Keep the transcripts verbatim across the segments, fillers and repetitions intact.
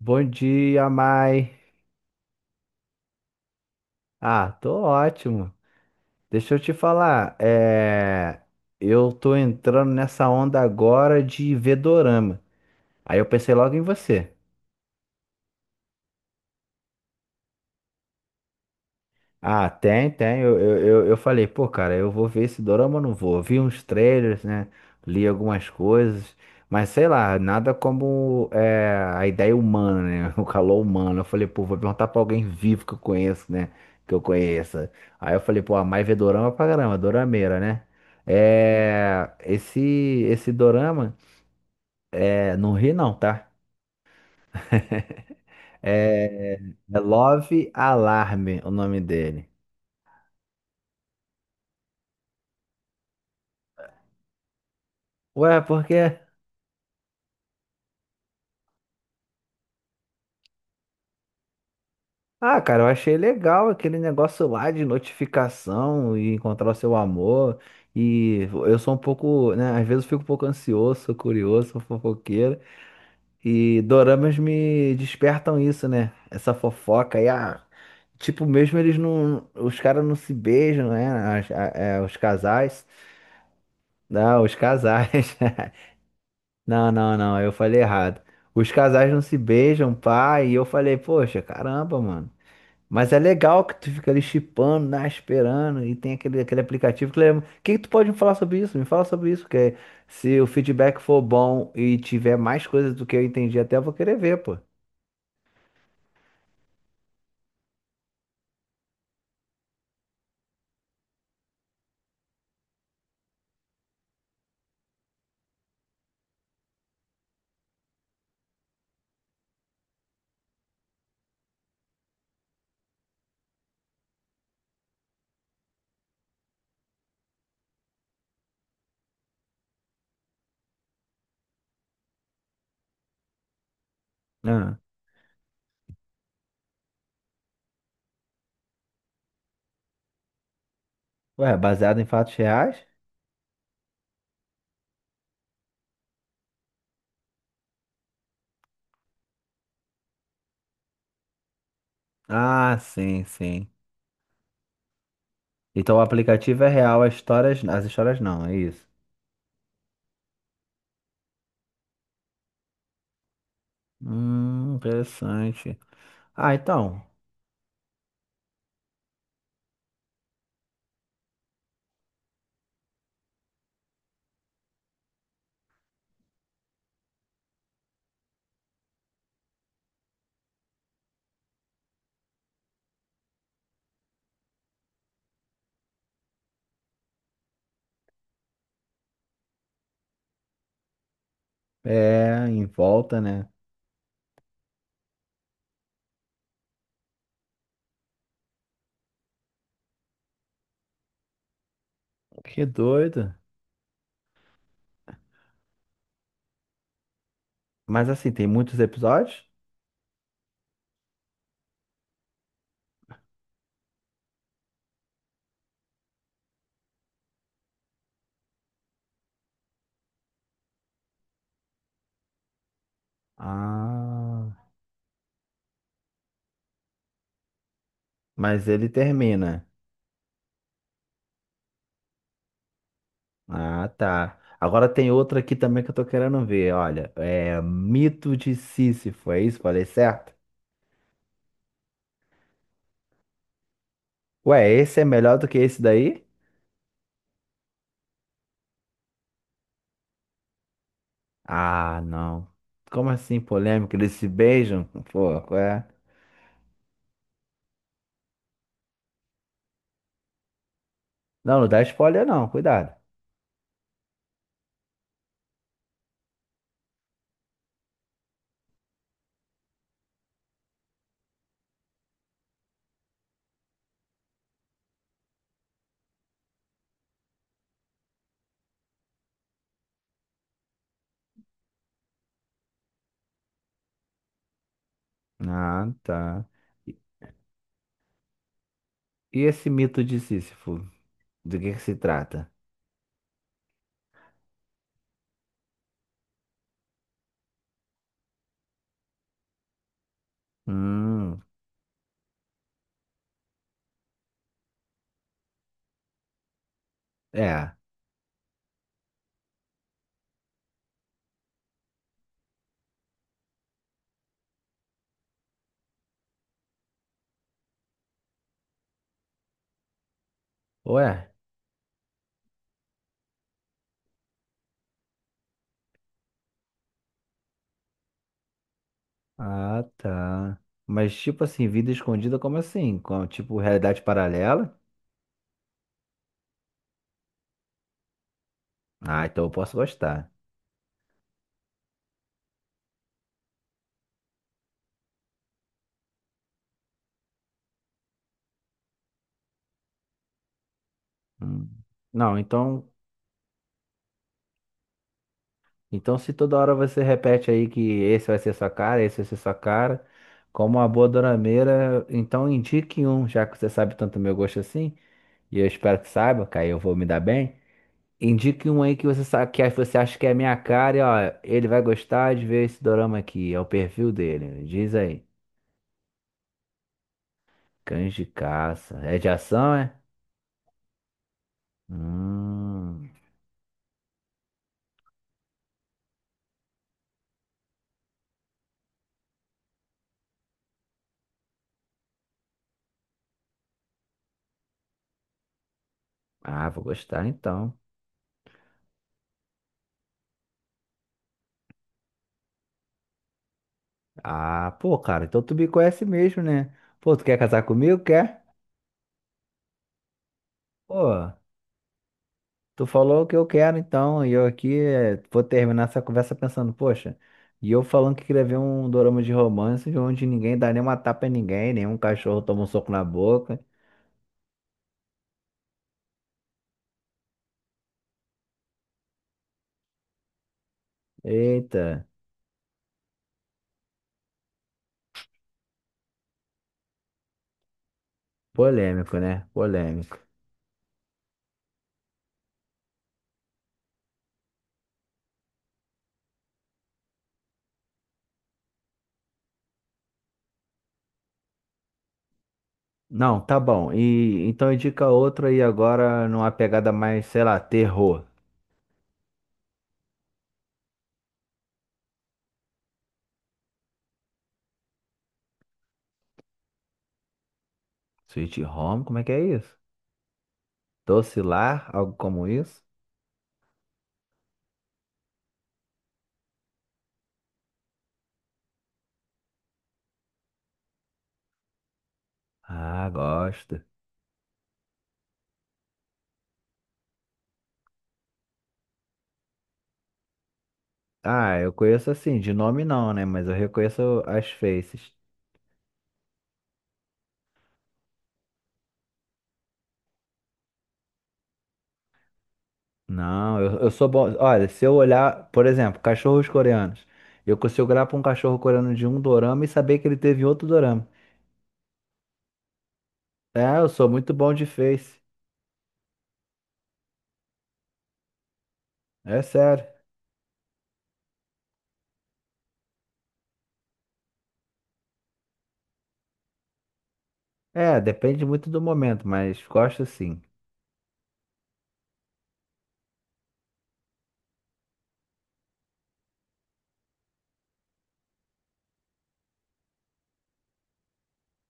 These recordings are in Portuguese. Bom dia, Mai. Ah, tô ótimo. Deixa eu te falar, é... eu tô entrando nessa onda agora de ver dorama. Aí eu pensei logo em você. Ah, tem, tem. Eu, eu, eu eu falei, pô, cara, eu vou ver esse dorama, ou não vou. Eu vi uns trailers, né? Li algumas coisas, mas sei lá, nada como é, a ideia humana, né? O calor humano. Eu falei, pô, vou perguntar pra alguém vivo que eu conheço, né? Que eu conheça. Aí eu falei, pô, a Mai vê dorama pra caramba, dorameira, né? É, esse, esse dorama, é, não ri não, tá? É, é Love Alarm, o nome dele. Ué, por quê? Ah, cara, eu achei legal aquele negócio lá de notificação e encontrar o seu amor. E eu sou um pouco, né? Às vezes eu fico um pouco ansioso, sou curioso, sou fofoqueiro. E doramas me despertam isso, né? Essa fofoca aí, ah, tipo, mesmo eles não. Os caras não se beijam, né? as- a- é, os casais. Não, os casais. Não, não, não, eu falei errado. Os casais não se beijam, pá. E eu falei, poxa, caramba, mano. Mas é legal que tu fica ali chipando, né, esperando, e tem aquele, aquele aplicativo que lembra. O que que tu pode me falar sobre isso? Me fala sobre isso, porque se o feedback for bom e tiver mais coisas do que eu entendi, até eu vou querer ver, pô. Ah, ué, baseado em fatos reais? Ah, sim, sim. Então o aplicativo é real, as histórias, as histórias não, é isso. Hum, interessante. Ah, então, é em volta, né? Que doido. Mas assim, tem muitos episódios? Ah. Mas ele termina. Ah, tá. Agora tem outra aqui também que eu tô querendo ver. Olha, é Mito de Sísifo, é isso? Falei certo? Ué, esse é melhor do que esse daí? Ah, não. Como assim, polêmica? Eles se beijam? Pô, qual é? Não, não dá spoiler não, cuidado. Ah, tá. E e esse mito de Sísifo? Do que que se trata? Hum, é. Ué? Ah, tá. Mas tipo assim, vida escondida como assim? Com, tipo, realidade paralela? Ah, então eu posso gostar. Hum. Não, então, então se toda hora você repete aí que esse vai ser sua cara, esse vai ser sua cara, como uma boa dorameira, então indique um, já que você sabe tanto meu gosto assim, e eu espero que saiba, que aí eu vou me dar bem. Indique um aí que você sabe que você acha que é a minha cara, e ó, ele vai gostar de ver esse dorama aqui, é o perfil dele. Diz aí. Cães de caça. É de ação, é? Hum. Ah, vou gostar então. Ah, pô, cara, então tu me conhece mesmo, né? Pô, tu quer casar comigo? Quer? Pô, tu falou o que eu quero, então, e eu aqui eh, vou terminar essa conversa pensando, poxa, e eu falando que queria ver um dorama de romance onde ninguém dá nenhuma tapa em ninguém, nenhum cachorro toma um soco na boca. Eita, polêmico, né? Polêmico. Não, tá bom. E então indica outro aí agora numa pegada mais, sei lá, terror. Sweet Home, como é que é isso? Doce Lar, algo como isso? Ah, gosto. Ah, eu conheço assim, de nome não, né? Mas eu reconheço as faces. Não, eu, eu sou bom. Olha, se eu olhar, por exemplo, cachorros coreanos, eu consigo olhar para um cachorro coreano de um dorama e saber que ele teve em outro dorama. É, eu sou muito bom de face. É sério. É, depende muito do momento, mas gosto sim.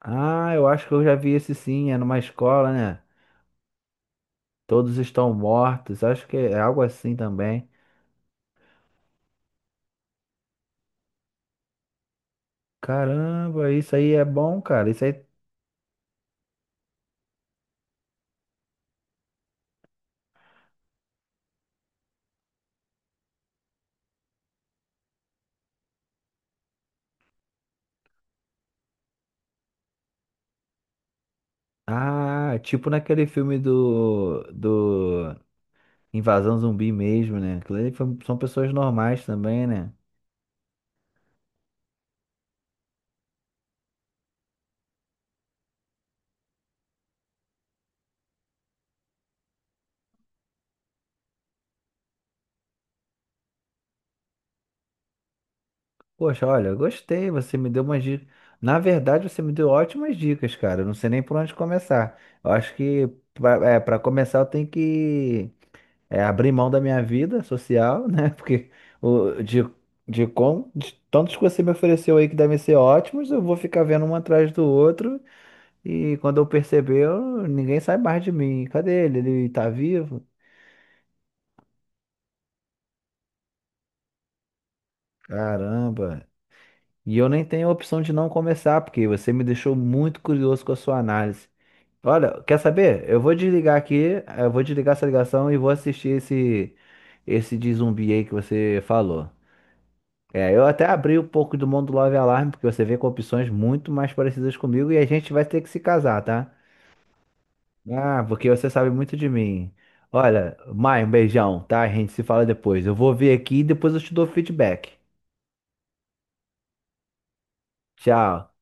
Ah, eu acho que eu já vi esse sim, é numa escola, né? Todos estão mortos, acho que é algo assim também. Caramba, isso aí é bom, cara. Isso aí ah, tipo naquele filme do, do Invasão Zumbi mesmo, né? Aquilo ali foi- são pessoas normais também, né? Poxa, olha, eu gostei, você me deu umas dicas. Na verdade, você me deu ótimas dicas, cara. Eu não sei nem por onde começar. Eu acho que pra, é, pra começar eu tenho que é, abrir mão da minha vida social, né? Porque o, de, de, com, de tantos que você me ofereceu aí que devem ser ótimos, eu vou ficar vendo um atrás do outro. E quando eu perceber, eu ninguém sai mais de mim. Cadê ele? Ele tá vivo? Caramba. E eu nem tenho a opção de não começar, porque você me deixou muito curioso com a sua análise. Olha, quer saber? Eu vou desligar aqui, eu vou desligar essa ligação e vou assistir esse esse de zumbi aí que você falou. É, eu até abri um pouco do mundo Love Alarm, porque você vem com opções muito mais parecidas comigo e a gente vai ter que se casar, tá? Ah, porque você sabe muito de mim. Olha, Mai, um beijão, tá? A gente se fala depois. Eu vou ver aqui e depois eu te dou feedback. Tchau.